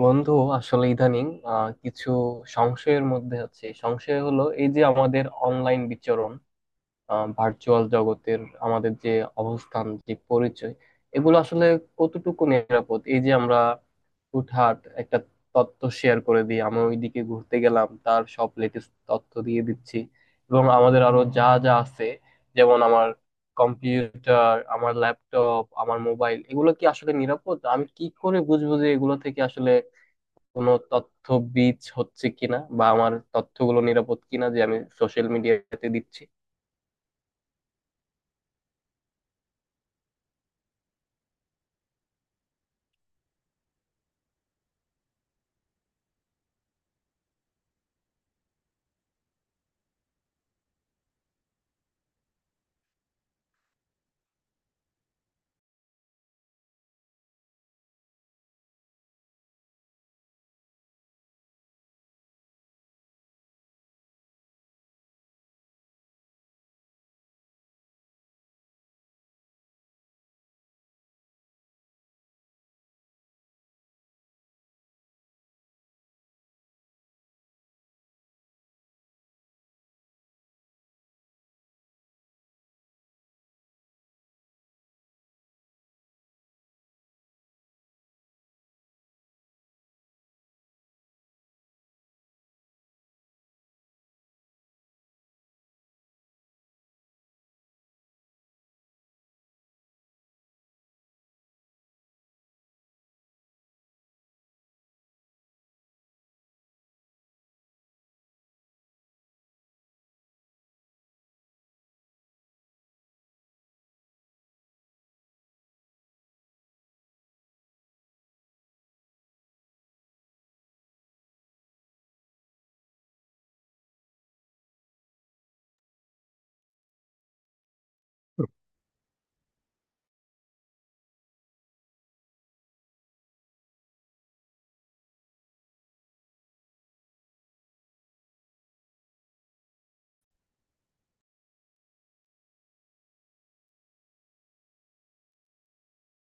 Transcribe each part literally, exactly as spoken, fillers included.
বন্ধু আসলে ইদানিং আহ, কিছু সংশয়ের মধ্যে আছে। সংশয় হলো এই যে, আমাদের অনলাইন বিচরণ, ভার্চুয়াল জগতের আমাদের যে অবস্থান, যে পরিচয়, এগুলো আসলে কতটুকু নিরাপদ। এই যে আমরা হুটহাট একটা তথ্য শেয়ার করে দিই, আমি ওইদিকে ঘুরতে গেলাম তার সব লেটেস্ট তথ্য দিয়ে দিচ্ছি, এবং আমাদের আরো যা যা আছে, যেমন আমার কম্পিউটার, আমার ল্যাপটপ, আমার মোবাইল, এগুলো কি আসলে নিরাপদ? আমি কি করে বুঝবো যে এগুলো থেকে আসলে কোনো তথ্য বীজ হচ্ছে কিনা, বা আমার তথ্যগুলো নিরাপদ কিনা যে আমি সোশ্যাল মিডিয়াতে দিচ্ছি।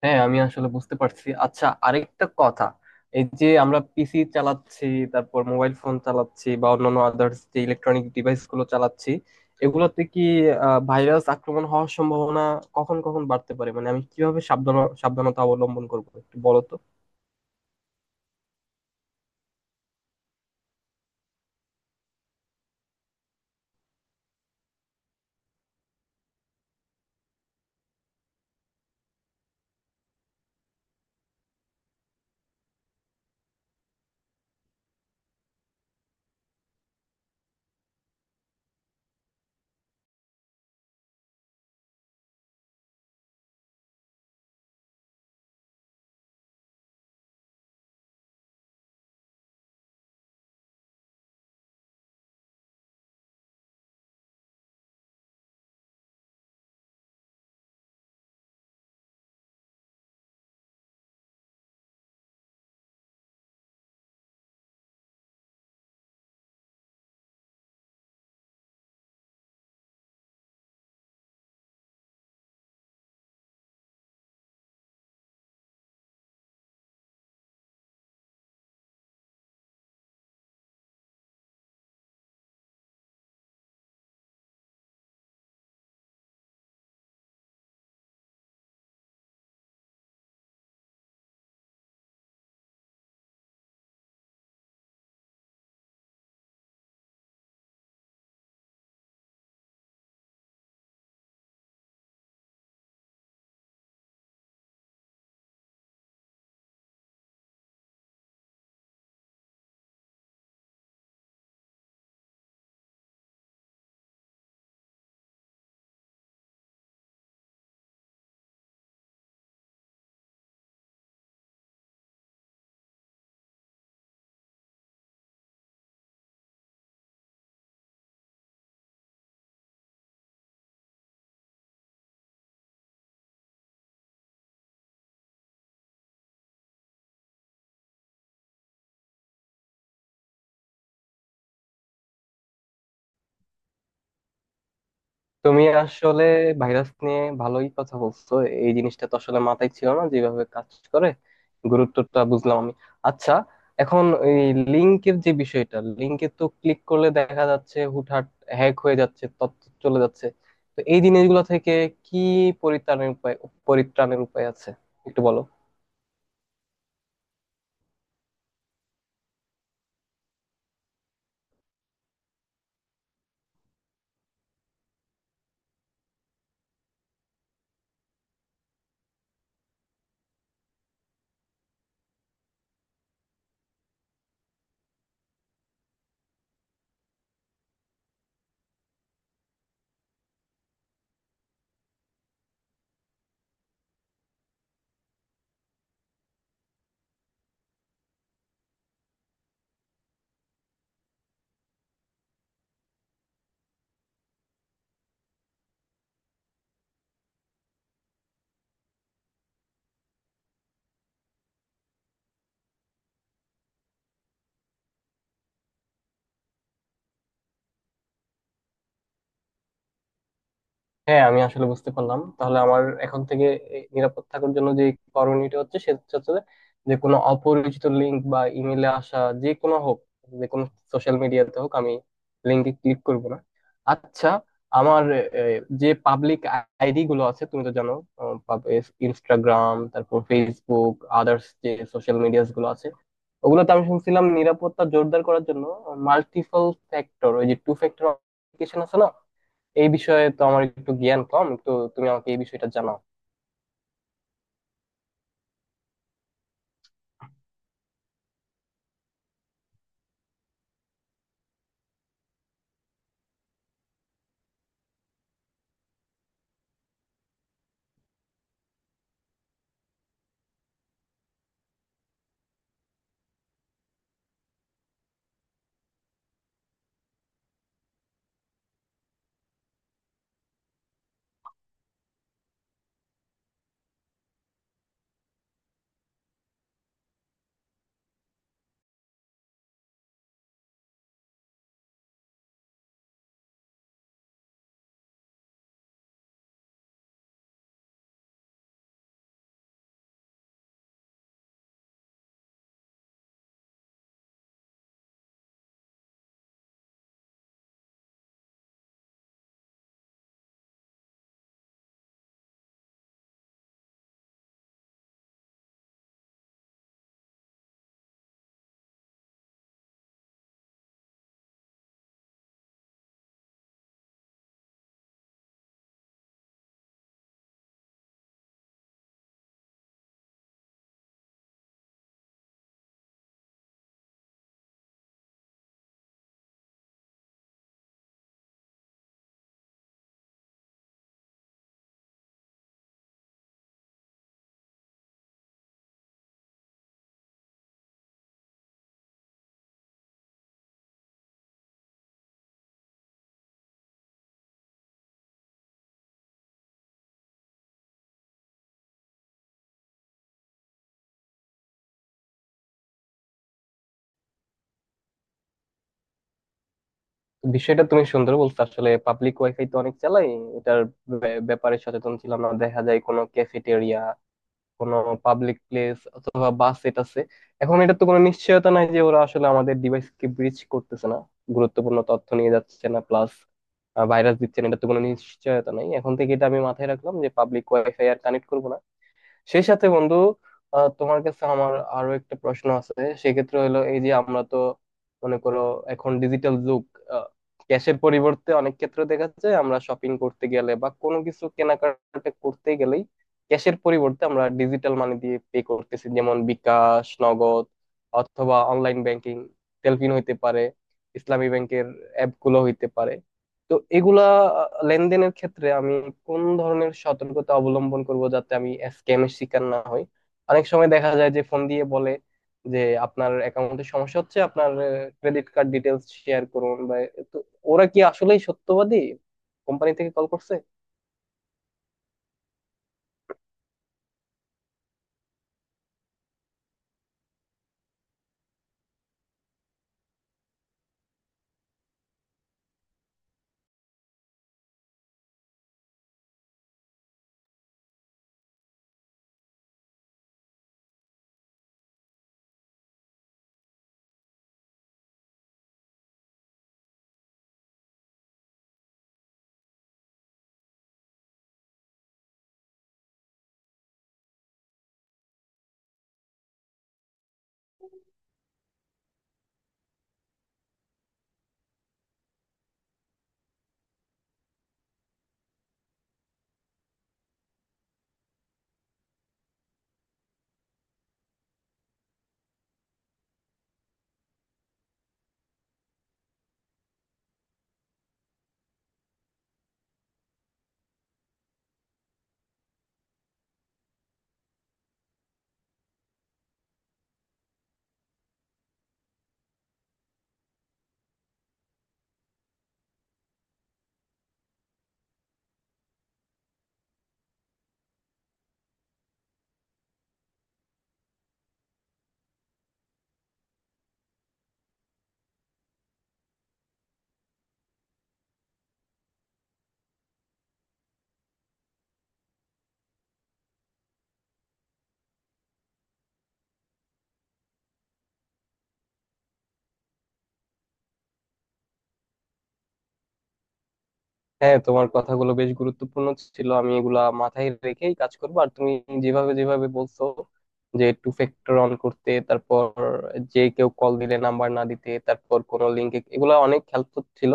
হ্যাঁ, আমি আসলে বুঝতে পারছি। আচ্ছা, আরেকটা কথা, এই যে আমরা পিসি চালাচ্ছি, তারপর মোবাইল ফোন চালাচ্ছি বা অন্যান্য আদার্স যে ইলেকট্রনিক ডিভাইস গুলো চালাচ্ছি, এগুলোতে কি ভাইরাস আক্রমণ হওয়ার সম্ভাবনা কখন কখন বাড়তে পারে? মানে আমি কিভাবে সাবধান, সাবধানতা অবলম্বন করবো একটু বলো তো। তুমি আসলে ভাইরাস নিয়ে ভালোই কথা বলছো। এই জিনিসটা তো আসলে মাথায় ছিল না, যেভাবে কাজ করে গুরুত্বটা বুঝলাম আমি। আচ্ছা, এখন এই লিংকের যে বিষয়টা, লিংকে তো ক্লিক করলে দেখা যাচ্ছে হুটহাট হ্যাক হয়ে যাচ্ছে, তথ্য চলে যাচ্ছে। তো এই জিনিসগুলো থেকে কি পরিত্রাণের উপায়, পরিত্রাণের উপায় আছে একটু বলো। হ্যাঁ, আমি আসলে বুঝতে পারলাম। তাহলে আমার এখন থেকে এই নিরাপদ থাকার জন্য যে করণীয়টা হচ্ছে, সেটা হচ্ছে যে, যে কোনো অপরিচিত লিঙ্ক বা ইমেলে আসা, যে কোনো হোক, যে কোনো সোশ্যাল মিডিয়াতে হোক, আমি লিঙ্কে ক্লিক করব না। আচ্ছা, আমার আহ, যে পাবলিক আইডি গুলো আছে, তুমি তো জানো, ইনস্টাগ্রাম, তারপর ফেসবুক, আদার্স যে সোশ্যাল মিডিয়াস গুলো আছে, ওগুলোতে আমি শুনছিলাম নিরাপত্তা জোরদার করার জন্য মাল্টিপল ফ্যাক্টর, ওই যে টু ফ্যাক্টর অথেন্টিকেশন আছে না, এই বিষয়ে তো আমার একটু জ্ঞান কম, তো তুমি আমাকে এই বিষয়টা জানাও। তো বিষয়টা তুমি সুন্দর বলছো। আসলে পাবলিক ওয়াইফাই তো অনেক চালাই, এটার ব্যা- ব্যাপারে সচেতন ছিলাম না। দেখা যায় কোনো ক্যাফেটেরিয়া, কোনো পাবলিক প্লেস অথবা বাস, এটা আছে। এখন এটা তো কোনো নিশ্চয়তা নাই যে ওরা আসলে আমাদের ডিভাইসকে ব্রিচ করতেছে না, গুরুত্বপূর্ণ তথ্য নিয়ে যাচ্ছে না, প্লাস ভাইরাস দিচ্ছে না, এটা তো কোনো নিশ্চয়তা নাই। এখন থেকে এটা আমি মাথায় রাখলাম যে পাবলিক ওয়াইফাই আর কানেক্ট করবো না। সেই সাথে বন্ধু, আহ, তোমার কাছে আমার আরো একটা প্রশ্ন আছে। সেক্ষেত্রে হলো এই যে, আমরা তো, মনে করো, এখন ডিজিটাল যুগ, ক্যাশের পরিবর্তে অনেক ক্ষেত্রে দেখা যায় আমরা শপিং করতে গেলে বা কোনো কিছু কেনাকাটা করতে গেলেই ক্যাশের পরিবর্তে আমরা ডিজিটাল মানি দিয়ে পে করতেছি, যেমন বিকাশ, নগদ, অথবা অনলাইন ব্যাংকিং, তেলফিন হইতে পারে, ইসলামী ব্যাংকের অ্যাপ গুলো হইতে পারে। তো এগুলা লেনদেনের ক্ষেত্রে আমি কোন ধরনের সতর্কতা অবলম্বন করব, যাতে আমি স্ক্যামের শিকার না হই? অনেক সময় দেখা যায় যে ফোন দিয়ে বলে যে, আপনার অ্যাকাউন্টে সমস্যা হচ্ছে, আপনার ক্রেডিট কার্ড ডিটেলস শেয়ার করুন বা, তো ওরা কি আসলেই সত্যবাদী কোম্পানি থেকে কল করছে? হ্যাঁ, তোমার কথাগুলো বেশ গুরুত্বপূর্ণ ছিল। আমি এগুলা মাথায় রেখেই কাজ করব। আর তুমি যেভাবে যেভাবে বলছো যে টু ফ্যাক্টর অন করতে, তারপর যে কেউ কল দিলে নাম্বার না দিতে, তারপর কোন লিঙ্কে, এগুলা অনেক হেল্পফুল ছিল।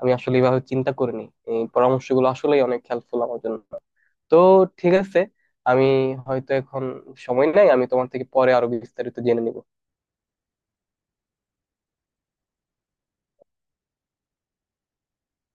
আমি আসলে এভাবে চিন্তা করিনি। এই পরামর্শগুলো আসলেই অনেক হেল্পফুল আমার জন্য। তো ঠিক আছে, আমি হয়তো এখন সময় নাই, আমি তোমার থেকে পরে আরো বিস্তারিত জেনে নিব।